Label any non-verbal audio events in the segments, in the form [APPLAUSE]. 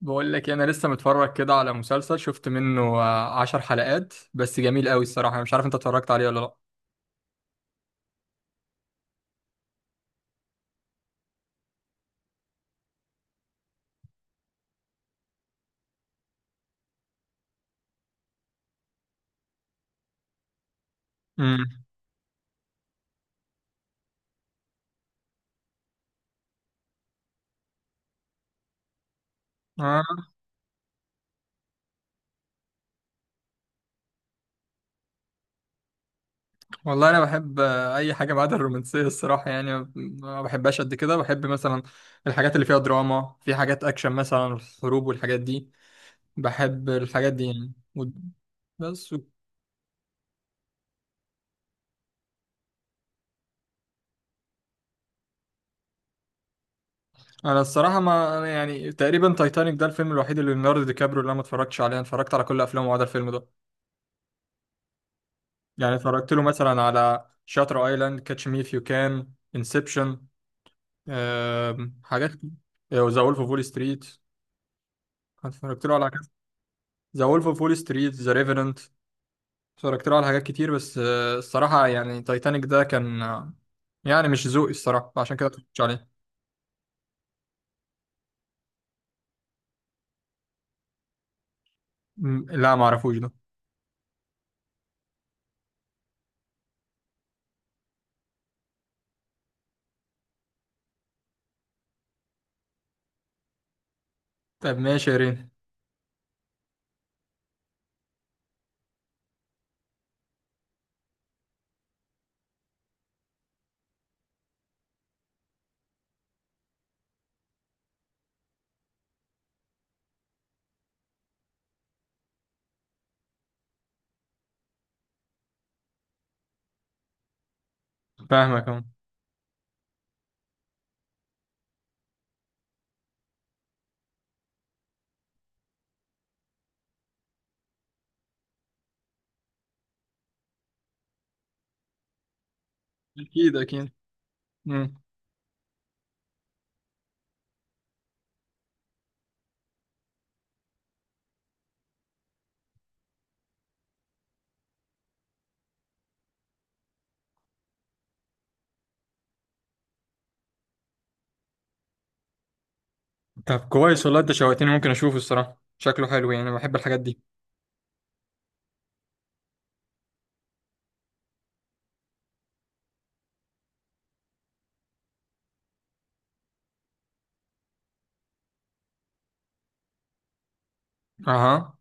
بقول لك إيه، انا لسه متفرج كده على مسلسل شفت منه 10 حلقات بس جميل قوي الصراحه. أنا مش عارف انت اتفرجت عليه ولا لا؟ امم. آه. والله انا بحب اي حاجه ما عدا الرومانسيه الصراحه يعني ما بحبهاش قد كده. بحب مثلا الحاجات اللي فيها دراما، في حاجات اكشن مثلا الحروب والحاجات دي، بحب الحاجات دي يعني بس و- انا الصراحه، ما أنا يعني تقريبا تايتانيك ده الفيلم الوحيد اللي ليوناردو دي كابريو اللي انا ما اتفرجتش عليه. أنا اتفرجت على كل افلامه ما عدا الفيلم ده. يعني اتفرجت له مثلا على شاتر ايلاند، كاتش مي اف يو كان، انسبشن، حاجات. ذا وولف اوف وول ستريت. اتفرجت له على كذا. ذا وولف اوف وول ستريت، ذا ريفرنت. اتفرجت له على حاجات كتير، بس الصراحة يعني تايتانيك ده كان يعني مش ذوقي الصراحة عشان كده متفرجتش عليه. لا، ما اعرفوش ده. طب ماشي يا رين. فاهمك اهو. اكيد، اكيد. مم. طب كويس والله، انت شوقتني، ممكن اشوفه الصراحة. شكله حلو يعني، بحب الحاجات دي. اها.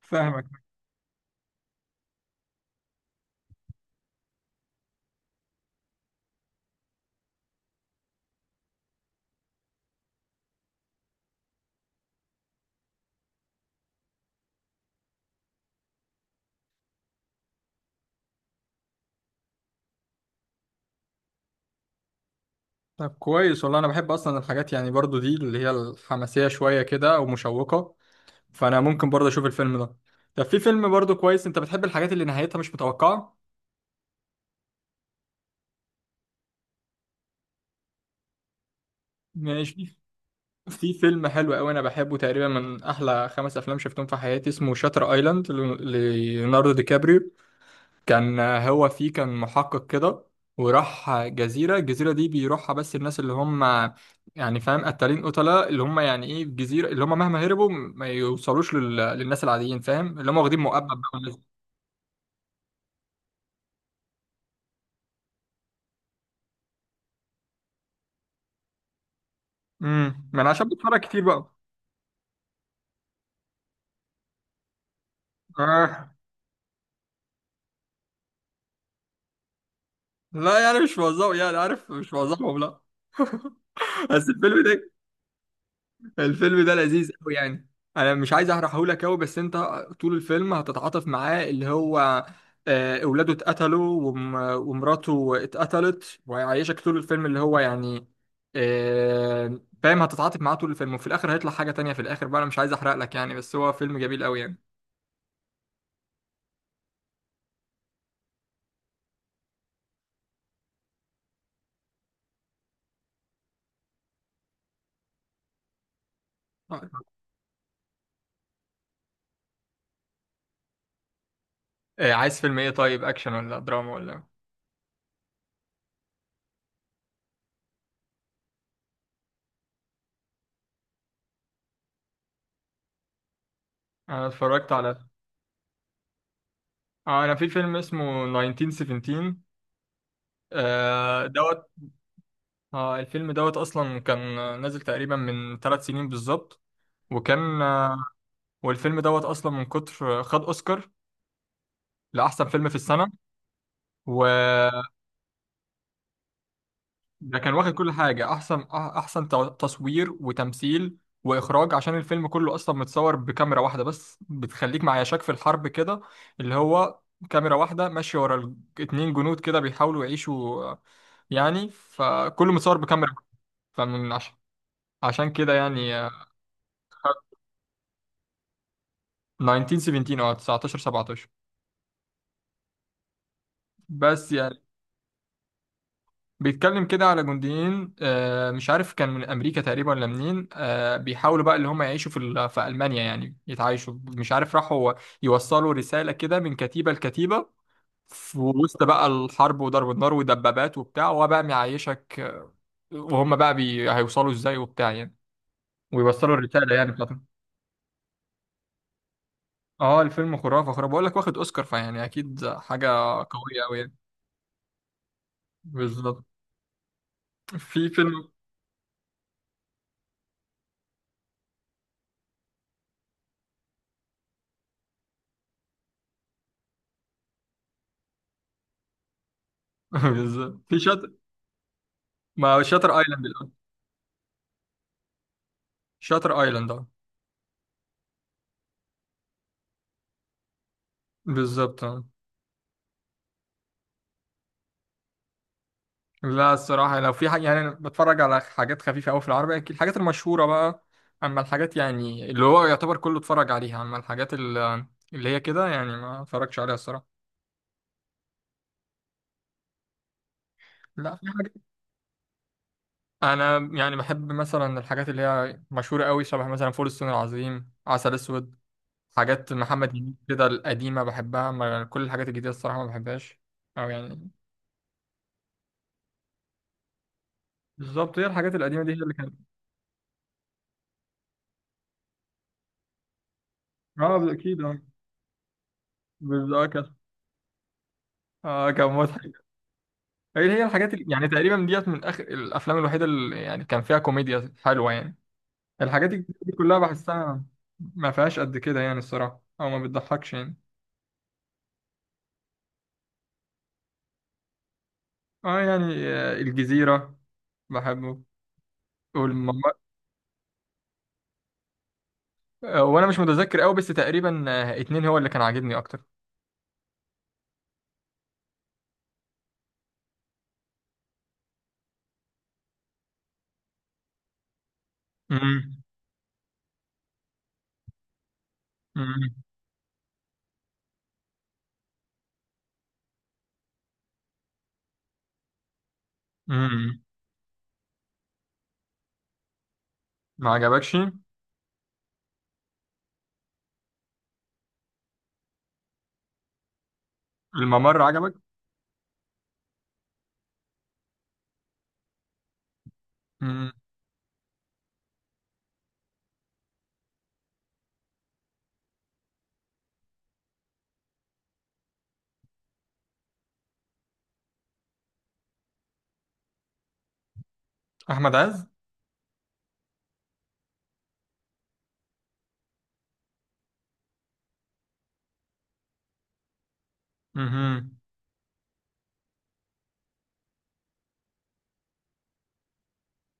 فاهمك. طب كويس والله، انا بحب اصلا الحاجات يعني برضو دي اللي هي الحماسيه شويه كده او مشوقه. فانا ممكن برضو اشوف الفيلم ده. طب في فيلم برضو كويس، انت بتحب الحاجات اللي نهايتها مش متوقعه؟ ماشي. في فيلم حلو قوي انا بحبه، تقريبا من احلى خمس افلام شفتهم في حياتي، اسمه شاتر ايلاند، ليوناردو دي كابريو. كان هو فيه كان محقق كده. وراح جزيرة، الجزيرة دي بيروحها، بس الناس اللي هم يعني فاهم، قتالين، قتلة، اللي هم يعني ايه الجزيرة اللي هم مهما هربوا ما يوصلوش للناس العاديين. فاهم، اللي هم واخدين مؤبد بقى والناس دي. امم، ما انا عشان بتفرج كتير بقى. آه. لا يعني مش بوظفه يعني، عارف، مش بوظفهم لا. [LAUGHS] بس الفيلم ده، الفيلم ده لذيذ قوي يعني. انا مش عايز احرقه لك قوي بس انت، طول الفيلم هتتعاطف معاه اللي هو، اولاده اتقتلوا ومراته اتقتلت وهيعيشك طول الفيلم اللي هو يعني، فاهم، هتتعاطف معاه طول الفيلم وفي الاخر هيطلع حاجة تانية، في الاخر بقى انا مش عايز احرق لك يعني، بس هو فيلم جميل قوي يعني. عايز فيلم ايه طيب، اكشن ولا دراما ولا إيه؟ انا اتفرجت على، انا في فيلم اسمه 1917 دوت. اه، الفيلم دوت اصلا كان نازل تقريبا من 3 سنين بالظبط. وكان والفيلم دوت اصلا من كتر خد اوسكار لاحسن فيلم في السنه. وده كان واخد كل حاجه، احسن تصوير وتمثيل واخراج، عشان الفيلم كله اصلا متصور بكاميرا واحده بس بتخليك مع يشاك في الحرب كده، اللي هو كاميرا واحده ماشيه ورا اتنين جنود كده بيحاولوا يعيشوا، يعني فكله متصور بكاميرا. فمن عش- عشان كده يعني، 1917. اه، 19، 17. بس يعني بيتكلم كده على جنديين، مش عارف كان من امريكا تقريبا ولا منين، بيحاولوا بقى اللي هم يعيشوا في المانيا يعني يتعايشوا، مش عارف راحوا يوصلوا رساله كده من كتيبه لكتيبه في وسط بقى الحرب وضرب النار ودبابات وبتاع، وهو بقى معيشك، وهم بقى هيوصلوا ازاي وبتاع يعني، ويوصلوا الرساله يعني بتاعتهم. اه الفيلم خرافه خرافه بقول لك، واخد اوسكار فيعني اكيد حاجه قويه قوي يعني. بالظبط، في فيلم. [LAUGHS] بالظبط في شاطر ما شاتر ايلاند الأول. شاتر ايلاند، اه. بالظبط، اه. لا، الصراحه لو في حاجه يعني انا بتفرج على حاجات خفيفه قوي في العربي، أكيد الحاجات المشهوره بقى، اما الحاجات يعني اللي هو يعتبر كله اتفرج عليها. اما الحاجات اللي هي كده يعني ما اتفرجش عليها الصراحه. لا، في حاجات. انا يعني بحب مثلا الحاجات اللي هي مشهوره قوي، شبه مثلا فول الصين العظيم، عسل اسود، حاجات محمد هنيدي كده القديمه بحبها، اما كل الحاجات الجديده الصراحه ما بحبهاش. او يعني، بالظبط، هي الحاجات القديمه دي هي اللي كانت. اه، اكيد، اه. بالظبط كده. اه، كان مضحك. هي هي الحاجات اللي يعني تقريبا ديت من اخر الافلام الوحيده اللي يعني كان فيها كوميديا حلوه يعني، الحاجات دي كلها بحسها ما فيهاش قد كده يعني الصراحه، او ما بتضحكش يعني. اه يعني الجزيره بحبه. والمم... وانا مش متذكر قوي، بس تقريبا اتنين هو اللي كان عاجبني اكتر. امم. امم. امم. ما عجبكش؟ الممر عجبك؟ امم. احمد عز. امم.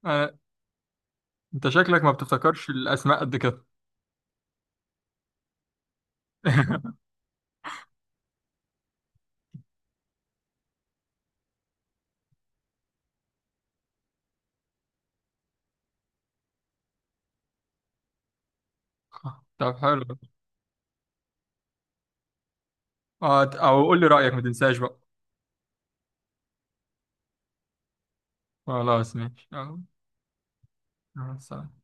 آه، انت شكلك ما بتفتكرش الاسماء قد كده. [LAUGHS] طب، حلو. اه، او قول لي رأيك ما تنساش بقى. خلاص ماشي، اه. سلام.